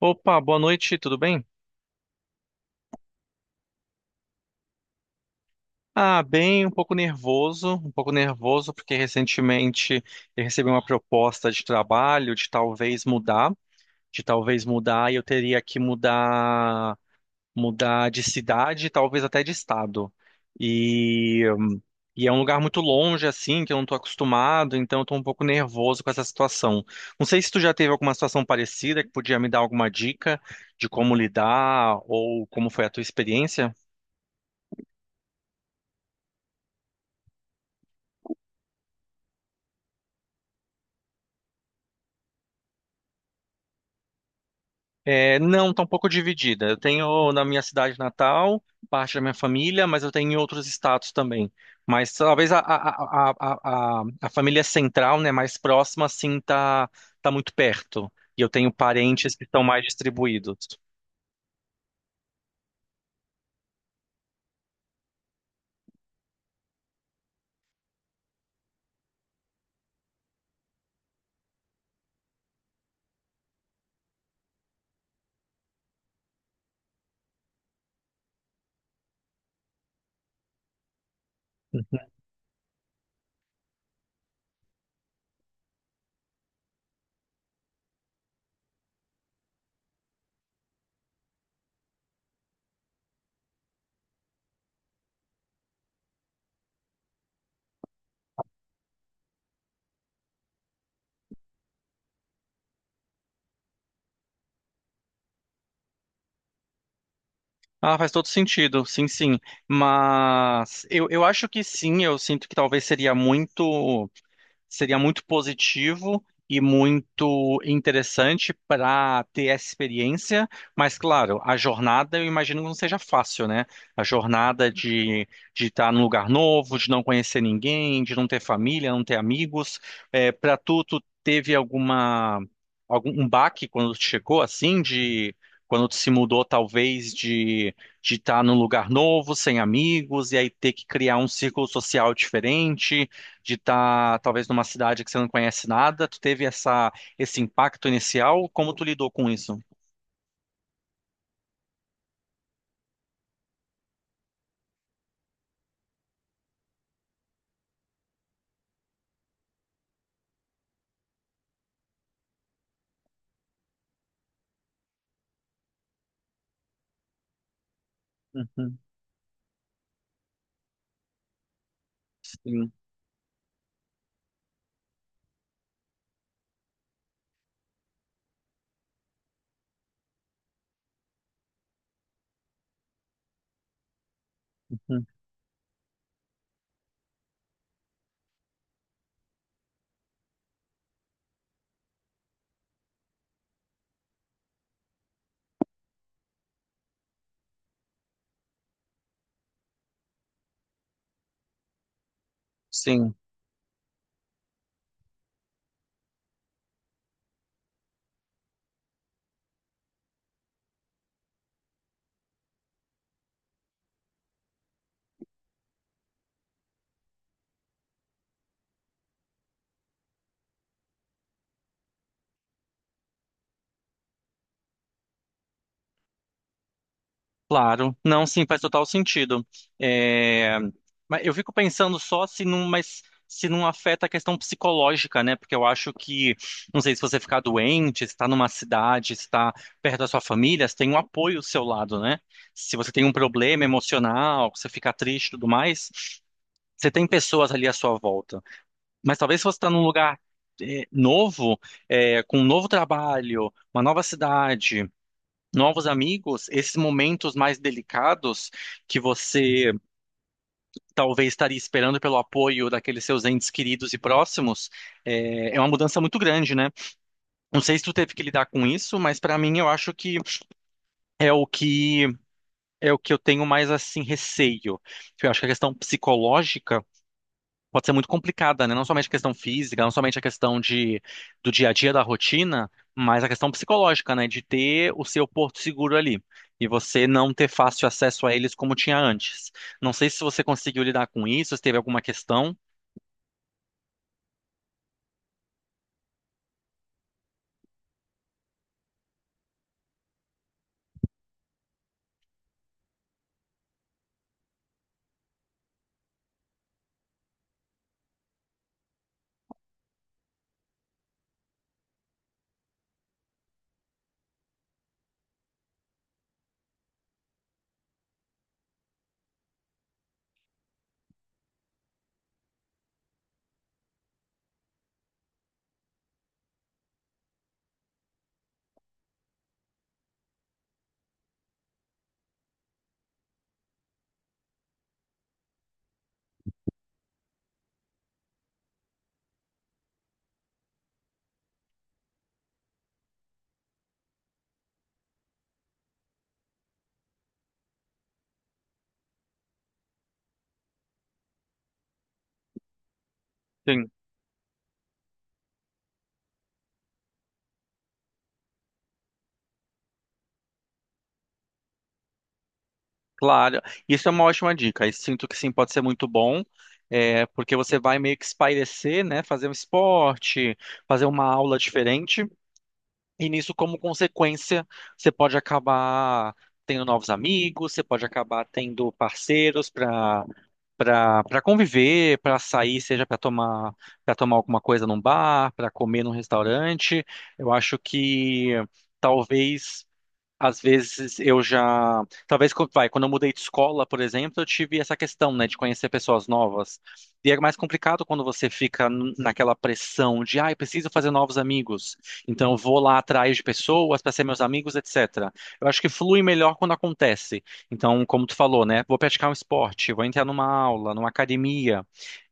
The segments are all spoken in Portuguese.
Opa, boa noite, tudo bem? Ah, bem, um pouco nervoso, porque recentemente eu recebi uma proposta de trabalho de talvez mudar, eu teria que mudar, mudar de cidade, talvez até de estado. E, e é um lugar muito longe assim, que eu não estou acostumado, então eu estou um pouco nervoso com essa situação. Não sei se tu já teve alguma situação parecida que podia me dar alguma dica de como lidar ou como foi a tua experiência. É, não, tá um pouco dividida. Eu tenho na minha cidade natal, parte da minha família, mas eu tenho em outros estados também. Mas talvez a família central, né, mais próxima, assim, tá muito perto. E eu tenho parentes que estão mais distribuídos. Uhum. Ah, faz todo sentido, sim, sim. Mas eu acho que sim, eu sinto que talvez seria muito. Seria muito positivo e muito interessante para ter essa experiência, mas claro, a jornada eu imagino que não seja fácil, né? A jornada de estar num lugar novo, de não conhecer ninguém, de não ter família, não ter amigos. É, para tu, tu teve alguma algum um baque quando tu chegou assim de Quando tu se mudou, talvez, de estar num lugar novo, sem amigos, e aí ter que criar um círculo social diferente, de estar talvez numa cidade que você não conhece nada, tu teve essa esse impacto inicial, como tu lidou com isso? Uhum, sim, uhum, sim, claro. Não, sim, faz total sentido. É, mas eu fico pensando só se não, mas se não afeta a questão psicológica, né? Porque eu acho que, não sei se você ficar doente, se está numa cidade, se está perto da sua família, se tem um apoio ao seu lado, né? Se você tem um problema emocional, você fica triste e tudo mais, você tem pessoas ali à sua volta. Mas talvez se você está num lugar novo, com um novo trabalho, uma nova cidade, novos amigos, esses momentos mais delicados que você talvez estaria esperando pelo apoio daqueles seus entes queridos e próximos, é uma mudança muito grande, né? Não sei se tu teve que lidar com isso, mas para mim eu acho que é o que é o que eu tenho mais assim receio. Eu acho que a questão psicológica pode ser muito complicada, né? Não somente a questão física, não somente a questão de, do dia a dia, da rotina, mas a questão psicológica, né? De ter o seu porto seguro ali e você não ter fácil acesso a eles como tinha antes. Não sei se você conseguiu lidar com isso, se teve alguma questão. Sim, claro. Isso é uma ótima dica. Eu sinto que sim, pode ser muito bom. É, porque você vai meio que espairecer, né? Fazer um esporte, fazer uma aula diferente. E nisso, como consequência, você pode acabar tendo novos amigos, você pode acabar tendo parceiros para para conviver, para sair, seja para tomar alguma coisa num bar, para comer num restaurante. Eu acho que talvez às vezes eu já. Talvez, co- vai, quando eu mudei de escola, por exemplo, eu tive essa questão, né, de conhecer pessoas novas. E é mais complicado quando você fica naquela pressão de, ah, eu preciso fazer novos amigos. Então eu vou lá atrás de pessoas para ser meus amigos, etc. Eu acho que flui melhor quando acontece. Então, como tu falou, né, vou praticar um esporte, vou entrar numa aula, numa academia.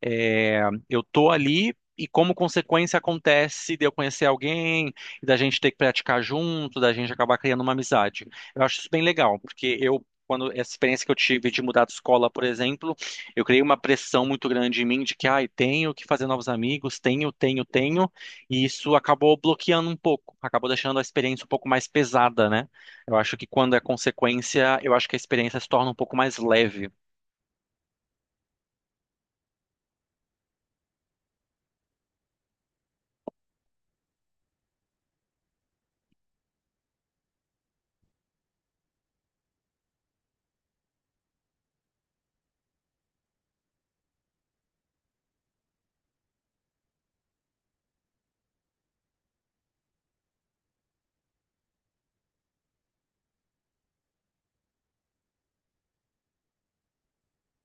É, eu tô ali. E como consequência acontece de eu conhecer alguém, da gente ter que praticar junto, da gente acabar criando uma amizade. Eu acho isso bem legal, porque quando essa experiência que eu tive de mudar de escola, por exemplo, eu criei uma pressão muito grande em mim de que, ai, tenho que fazer novos amigos, e isso acabou bloqueando um pouco, acabou deixando a experiência um pouco mais pesada, né? Eu acho que quando é consequência, eu acho que a experiência se torna um pouco mais leve.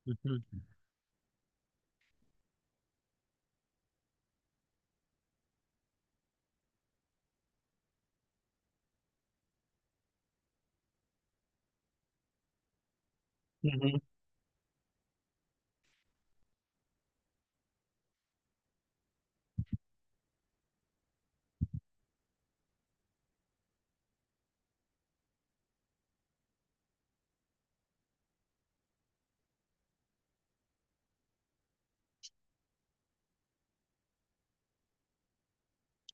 Uhum. Uhum.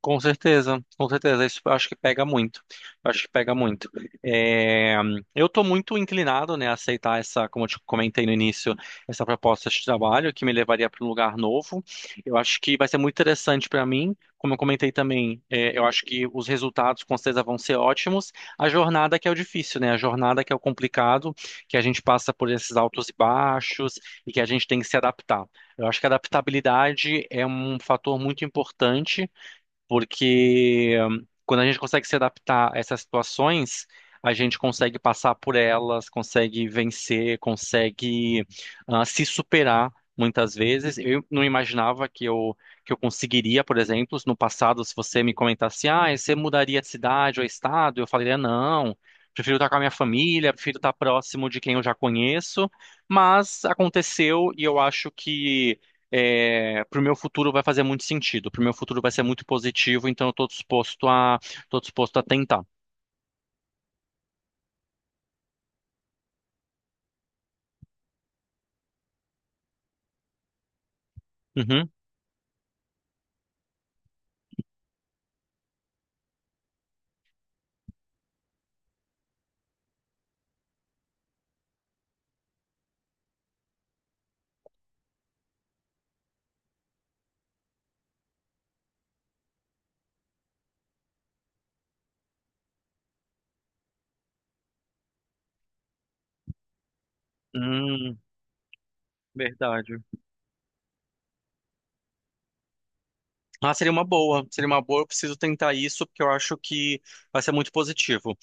Com certeza, com certeza. Isso eu acho que pega muito. Eu acho que pega muito. É, eu estou muito inclinado, né, a aceitar essa, como eu te comentei no início, essa proposta de trabalho que me levaria para um lugar novo. Eu acho que vai ser muito interessante para mim. Como eu comentei também, é, eu acho que os resultados com certeza vão ser ótimos. A jornada que é o difícil, né? A jornada que é o complicado, que a gente passa por esses altos e baixos e que a gente tem que se adaptar. Eu acho que a adaptabilidade é um fator muito importante porque quando a gente consegue se adaptar a essas situações, a gente consegue passar por elas, consegue vencer, consegue se superar muitas vezes. Eu não imaginava que eu conseguiria, por exemplo, no passado, se você me comentasse, ah, você mudaria de cidade ou estado, eu falaria não. Prefiro estar com a minha família, prefiro estar próximo de quem eu já conheço, mas aconteceu e eu acho que é, para o meu futuro vai fazer muito sentido, para o meu futuro vai ser muito positivo, então eu estou disposto a, tô disposto a tentar. Uhum. Hum, verdade. Ah, seria uma boa, eu preciso tentar isso, porque eu acho que vai ser muito positivo.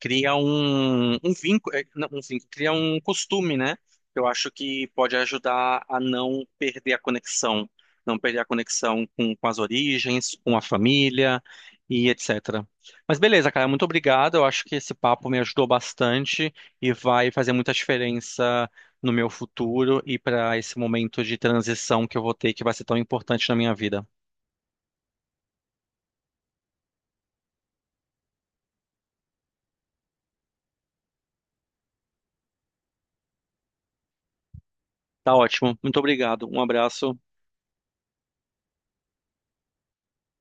Cria um vínculo, eh, não, um vínculo, cria um costume, né? Eu acho que pode ajudar a não perder a conexão, não perder a conexão com as origens, com a família e etc. Mas beleza, cara, muito obrigado. Eu acho que esse papo me ajudou bastante e vai fazer muita diferença no meu futuro e para esse momento de transição que eu vou ter, que vai ser tão importante na minha vida. Tá ótimo. Muito obrigado. Um abraço.